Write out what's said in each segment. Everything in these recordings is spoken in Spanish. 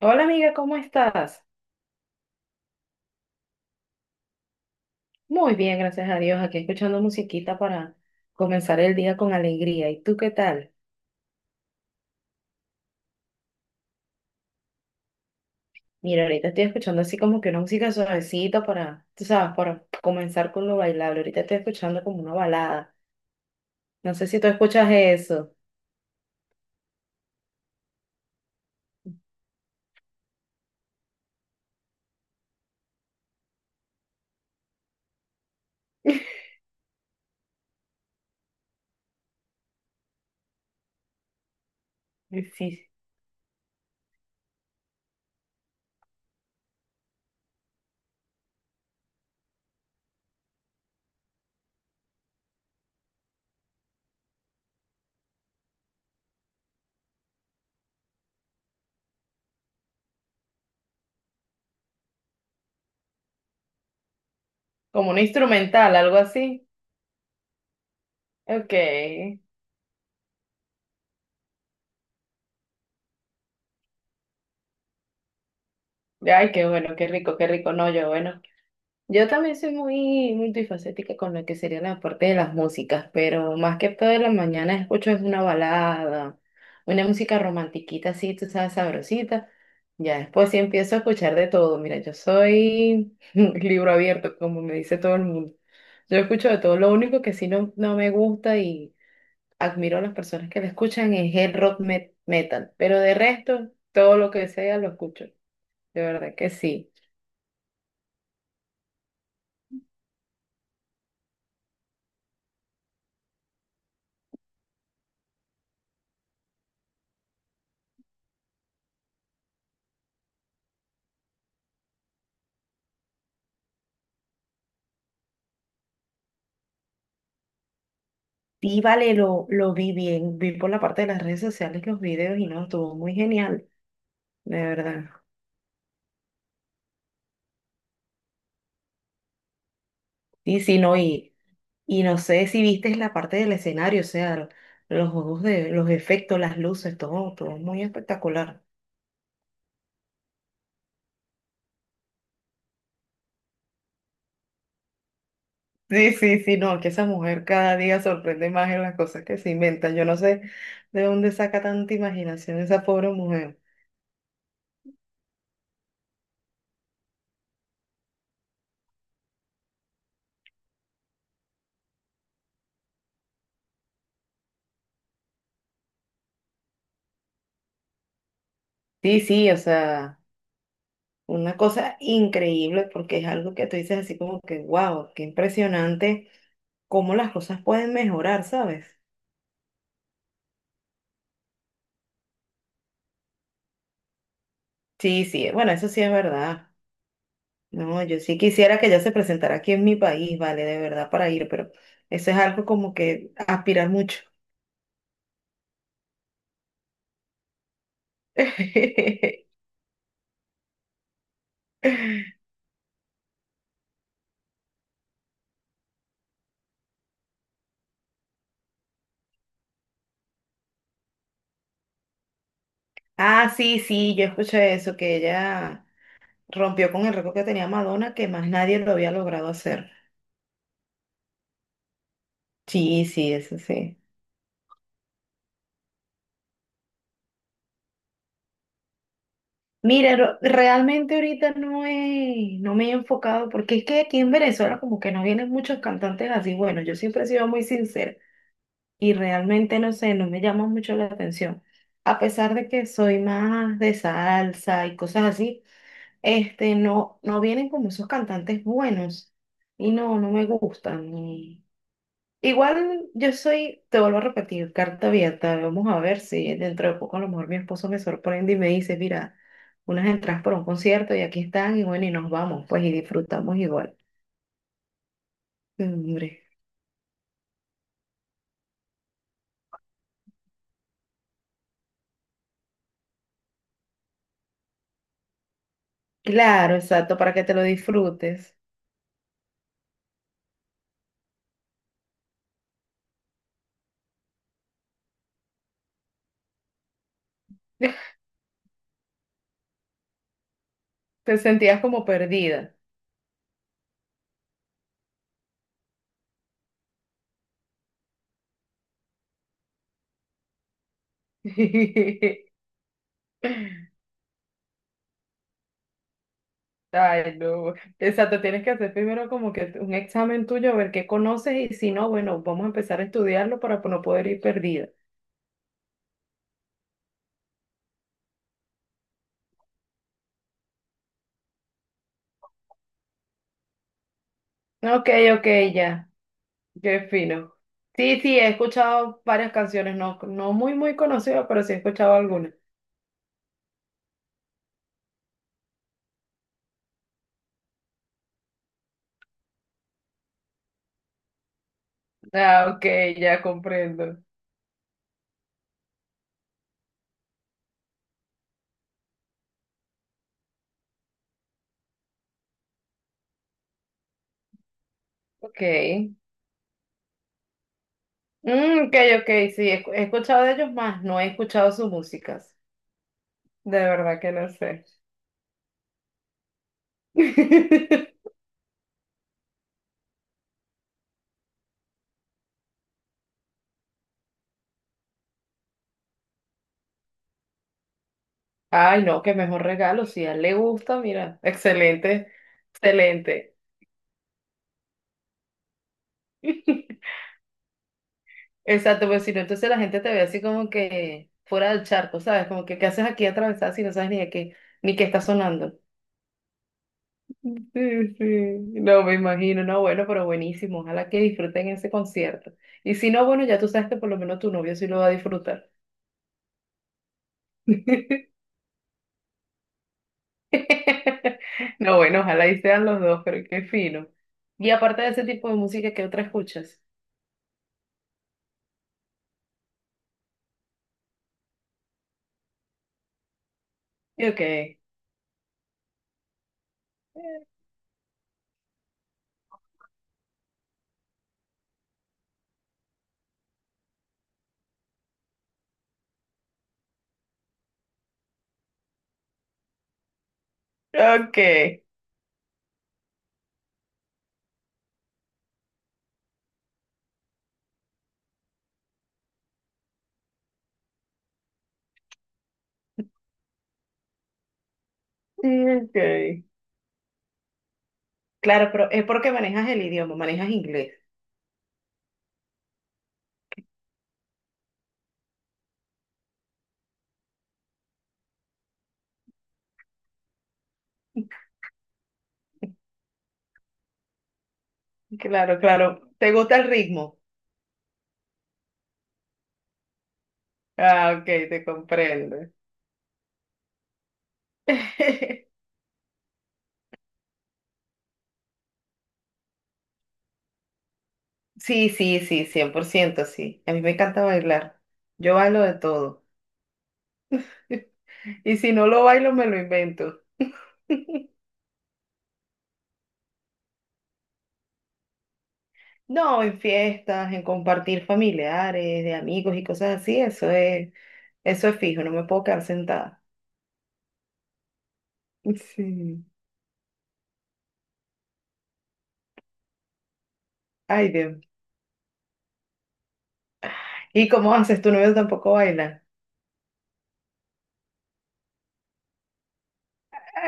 Hola amiga, ¿cómo estás? Muy bien, gracias a Dios. Aquí escuchando musiquita para comenzar el día con alegría. ¿Y tú qué tal? Mira, ahorita estoy escuchando así como que una música suavecita para, tú sabes, para comenzar con lo bailable. Ahorita estoy escuchando como una balada. No sé si tú escuchas eso. Sí, sí. Como una instrumental, algo así. Ok. Ay, qué bueno, qué rico, qué rico. No, yo, bueno. Yo también soy muy multifacética con lo que sería la parte de las músicas, pero más que todo en la mañana escucho es una balada, una música romantiquita así, tú sabes, sabrosita. Ya después sí empiezo a escuchar de todo. Mira, yo soy libro abierto, como me dice todo el mundo. Yo escucho de todo. Lo único que sí no, no me gusta y admiro a las personas que lo escuchan es el metal, pero de resto, todo lo que sea lo escucho. De verdad que sí. Y vale, lo vi bien, vi por la parte de las redes sociales los videos y no, estuvo muy genial, de verdad. Sí, sí, no, y no sé si viste la parte del escenario, o sea, los juegos de los efectos, las luces, todo, todo muy espectacular. Sí, sí, sí, no, que esa mujer cada día sorprende más en las cosas que se inventan. Yo no sé de dónde saca tanta imaginación esa pobre mujer. Sí, sí, o sea, una cosa increíble porque es algo que tú dices así como que, wow, qué impresionante cómo las cosas pueden mejorar, ¿sabes? Sí, sí, bueno, eso sí es verdad. No, yo sí quisiera que ella se presentara aquí en mi país, vale, de verdad, para ir, pero eso es algo como que aspirar mucho. Ah, sí, sí, yo escuché eso, que ella rompió con el récord que tenía Madonna, que más nadie lo había logrado hacer. Sí, sí, eso sí. Mira, realmente ahorita no me he enfocado, porque es que aquí en Venezuela como que no vienen muchos cantantes así. Bueno, yo siempre he sido muy sincera. Y realmente no sé, no me llama mucho la atención. A pesar de que soy más de salsa y cosas así, no, no vienen como esos cantantes buenos y no, no me gustan. Igual yo soy, te vuelvo a repetir, carta abierta. Vamos a ver si dentro de poco a lo mejor mi esposo me sorprende y me dice, mira, unas entradas por un concierto y aquí están y bueno, y nos vamos, pues y disfrutamos igual. Hombre. Claro, exacto, para que te lo disfrutes. Te sentías como perdida. Ay, no. Exacto, tienes que hacer primero como que un examen tuyo, a ver qué conoces y si no, bueno, vamos a empezar a estudiarlo para no poder ir perdida. Ok, ok, ya. Qué fino. Sí, sí, he escuchado varias canciones, no, no muy conocidas, pero sí he escuchado algunas. Ah, ok, ya comprendo. Ok. Mm, ok, ok, sí, he escuchado de ellos más, no he escuchado sus músicas. De verdad que no sé. Ay, no, qué mejor regalo. Si a él le gusta, mira, excelente, excelente. Exacto, pues si no, entonces la gente te ve así como que fuera del charco, ¿sabes? Como que, ¿qué haces aquí atravesada si no sabes ni de qué, ni qué está sonando? Sí, sí, no me imagino, no, bueno, pero buenísimo, ojalá que disfruten ese concierto. Y si no, bueno, ya tú sabes que por lo menos tu novio sí lo va a disfrutar. No, bueno, ojalá y sean los dos, pero qué fino. Y aparte de ese tipo de música, ¿qué otra escuchas? Ok. Okay, okay. Claro, pero es porque manejas el idioma, manejas inglés. Claro, claro. ¿Te gusta el ritmo? Ah, ok, te comprendo. Sí, sí, sí, cien por ciento, sí. A mí me encanta bailar. Yo bailo de todo. Y si no lo bailo, me lo invento. No, en fiestas, en compartir familiares, de amigos y cosas así, eso es fijo, no me puedo quedar sentada. Sí. Ay, Dios. ¿Y cómo haces? ¿Tu novio tampoco baila?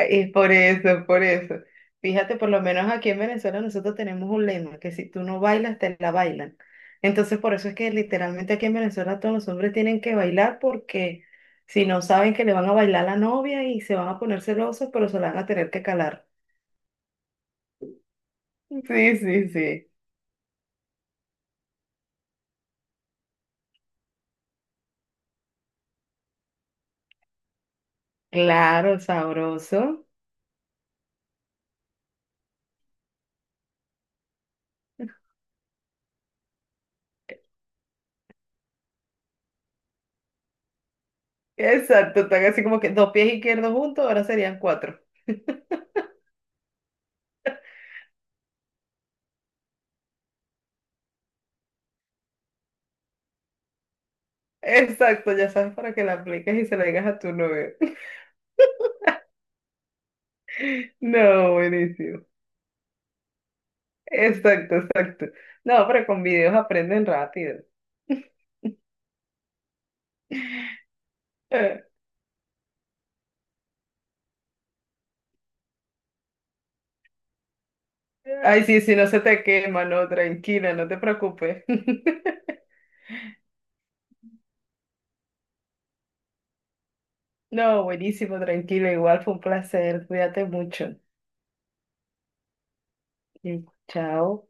Es por eso, por eso. Fíjate, por lo menos aquí en Venezuela nosotros tenemos un lema, que si tú no bailas, te la bailan. Entonces, por eso es que literalmente aquí en Venezuela todos los hombres tienen que bailar porque si no saben que le van a bailar a la novia y se van a poner celosos, pero se la van a tener que calar. Sí, sí, sí. Claro, sabroso. Exacto, están así como que dos pies izquierdos juntos, ahora serían cuatro. Exacto, ya sabes para que la apliques y se la digas a tu novio. No, buenísimo. Exacto, exacto. No, pero con videos aprenden rápido. Eh, Ay, sí, si no se te quema, no, tranquila, no te preocupes. No, buenísimo, tranquila, igual fue un placer. Cuídate mucho. Y Chao.